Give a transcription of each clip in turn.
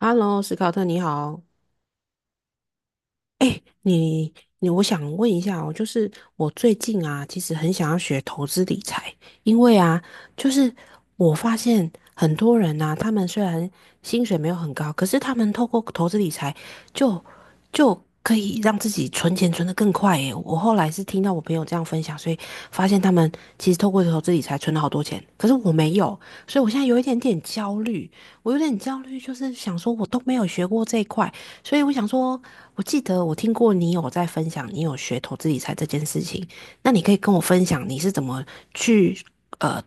哈喽，l 史考特，你好。哎，你，我想问一下哦，就是我最近啊，其实很想要学投资理财，因为啊，就是我发现很多人呐、他们虽然薪水没有很高，可是他们透过投资理财就就可以让自己存钱存得更快耶。我后来是听到我朋友这样分享，所以发现他们其实透过投资理财存了好多钱，可是我没有，所以我现在有一点点焦虑，我有点焦虑，就是想说我都没有学过这一块。所以我想说，我记得我听过你有在分享，你有学投资理财这件事情，那你可以跟我分享你是怎么去呃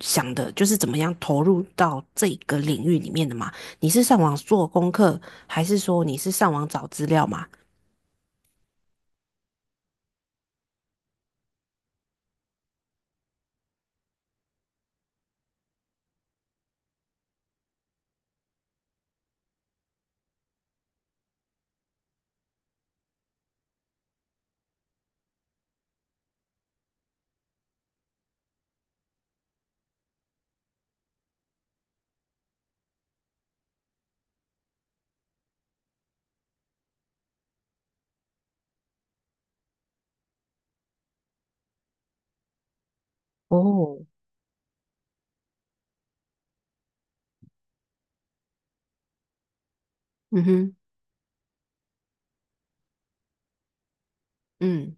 想的，就是怎么样投入到这个领域里面的吗？你是上网做功课，还是说你是上网找资料嘛？哦，嗯哼，嗯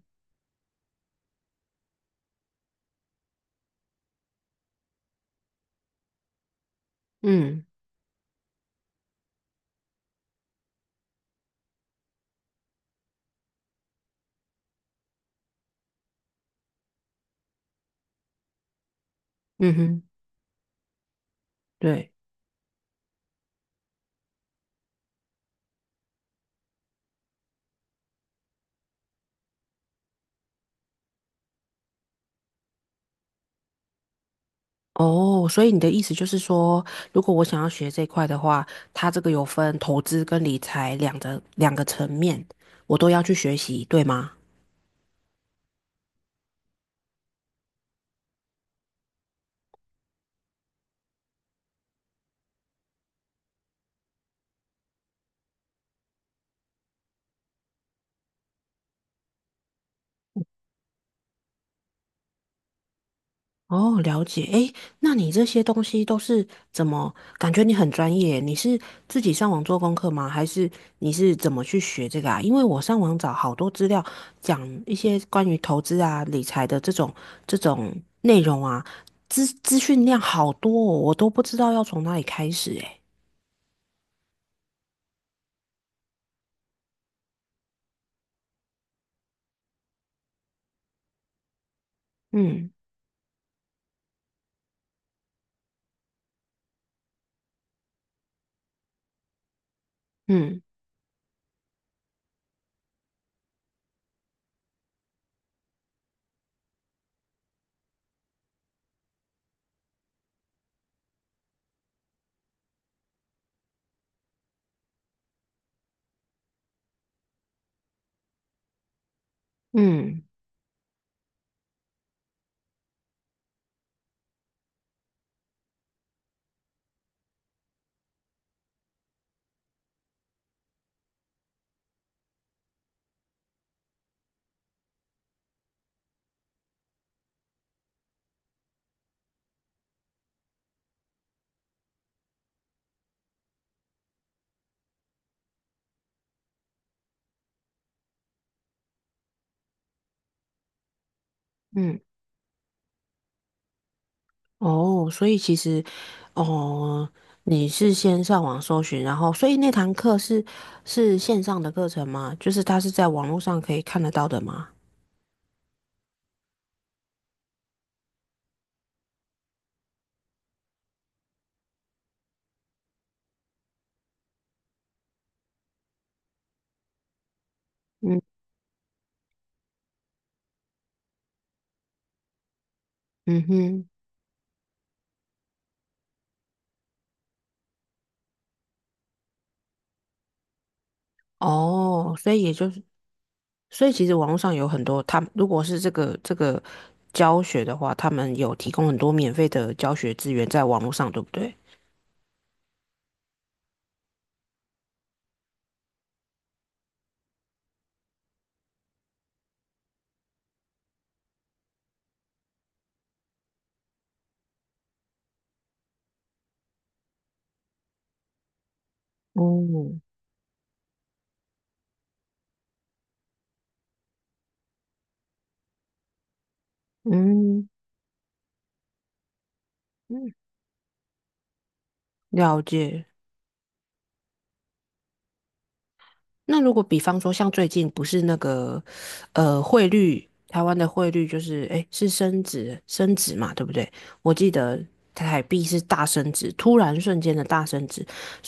嗯嗯哼，对。哦，所以你的意思就是说，如果我想要学这一块的话，它这个有分投资跟理财两个层面，我都要去学习，对吗？哦，了解。诶，那你这些东西都是怎么？感觉你很专业，你是自己上网做功课吗？还是你是怎么去学这个啊？因为我上网找好多资料，讲一些关于投资啊、理财的这种内容啊，资讯量好多哦，我都不知道要从哪里开始诶。嗯嗯嗯嗯。哦，所以其实，哦，你是先上网搜寻，然后，所以那堂课是线上的课程吗？就是它是在网络上可以看得到的吗？嗯嗯哼，哦，所以也就是，所以其实网络上有很多，他们如果是这个教学的话，他们有提供很多免费的教学资源在网络上，对不对？哦，嗯嗯，了解。那如果比方说，像最近不是那个，汇率，台湾的汇率就是，诶，是升值，升值嘛，对不对？我记得台币是大升值，突然瞬间的大升值。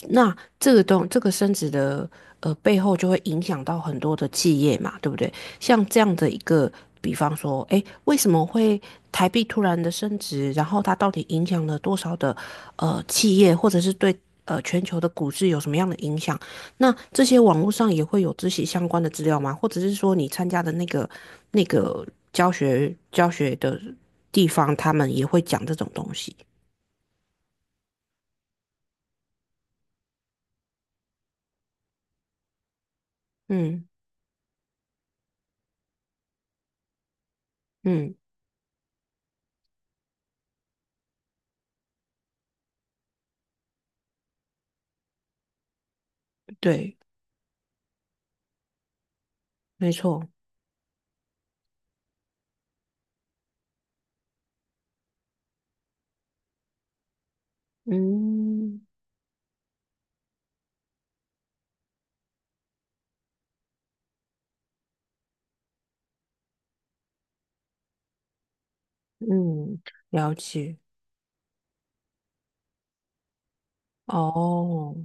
那这个东，这个升值的，背后就会影响到很多的企业嘛，对不对？像这样的一个，比方说，诶，为什么会台币突然的升值？然后它到底影响了多少的，企业，或者是对，全球的股市有什么样的影响？那这些网络上也会有自习相关的资料吗？或者是说你参加的那个教学的地方，他们也会讲这种东西？嗯嗯，对，没错，嗯嗯，了解，哦，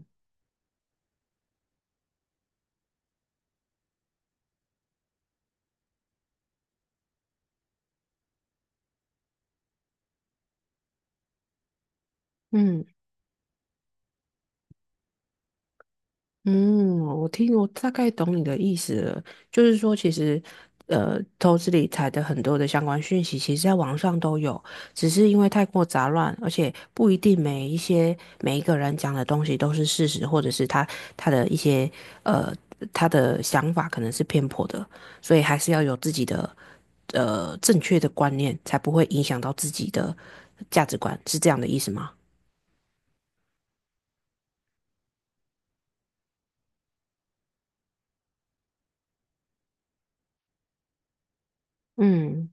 嗯。嗯，我听我大概懂你的意思了，就是说，其实，投资理财的很多的相关讯息，其实在网上都有，只是因为太过杂乱，而且不一定每一个人讲的东西都是事实，或者是他的一些呃他的想法可能是偏颇的，所以还是要有自己的正确的观念，才不会影响到自己的价值观，是这样的意思吗？嗯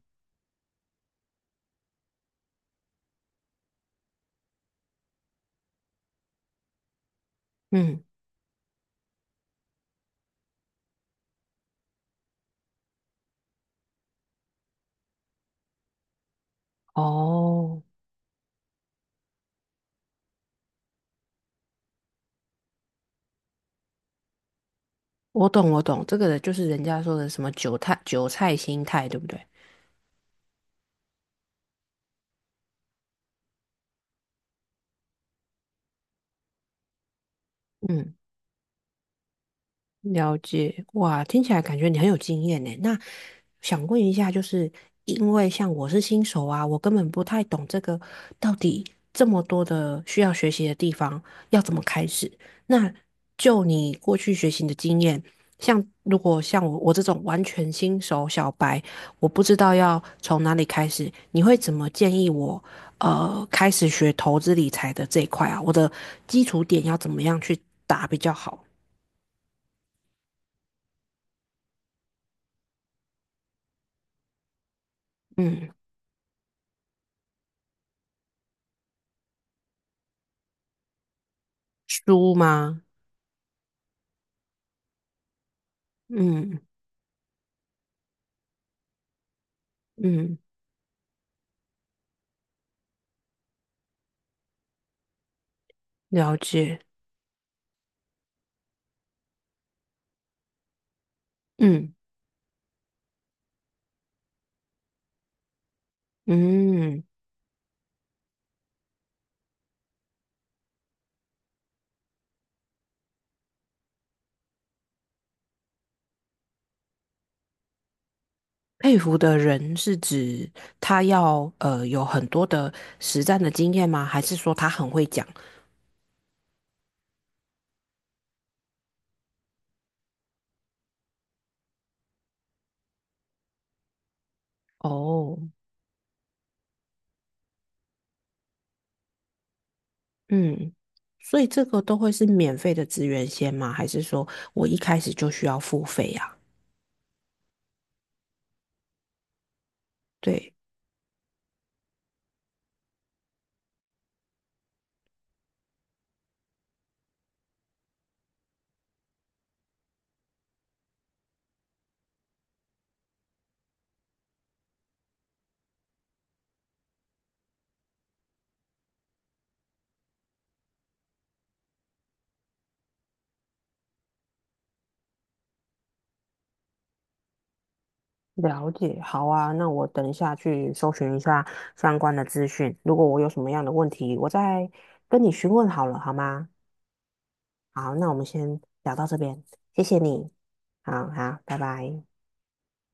嗯，哦。我懂，我懂，这个就是人家说的什么韭菜心态，对不对？嗯，了解，哇，听起来感觉你很有经验呢。那想问一下，就是因为像我是新手啊，我根本不太懂这个到底这么多的需要学习的地方要怎么开始。那就你过去学习的经验，像如果像我这种完全新手小白，我不知道要从哪里开始，你会怎么建议我开始学投资理财的这一块啊？我的基础点要怎么样去打比较好？嗯。书吗？嗯嗯，了解。嗯嗯，佩服的人是指他要有很多的实战的经验吗？还是说他很会讲？哦，嗯，所以这个都会是免费的资源先吗？还是说我一开始就需要付费呀？对，了解，好啊，那我等一下去搜寻一下相关的资讯。如果我有什么样的问题，我再跟你询问好了，好吗？好，那我们先聊到这边，谢谢你。好好，拜拜。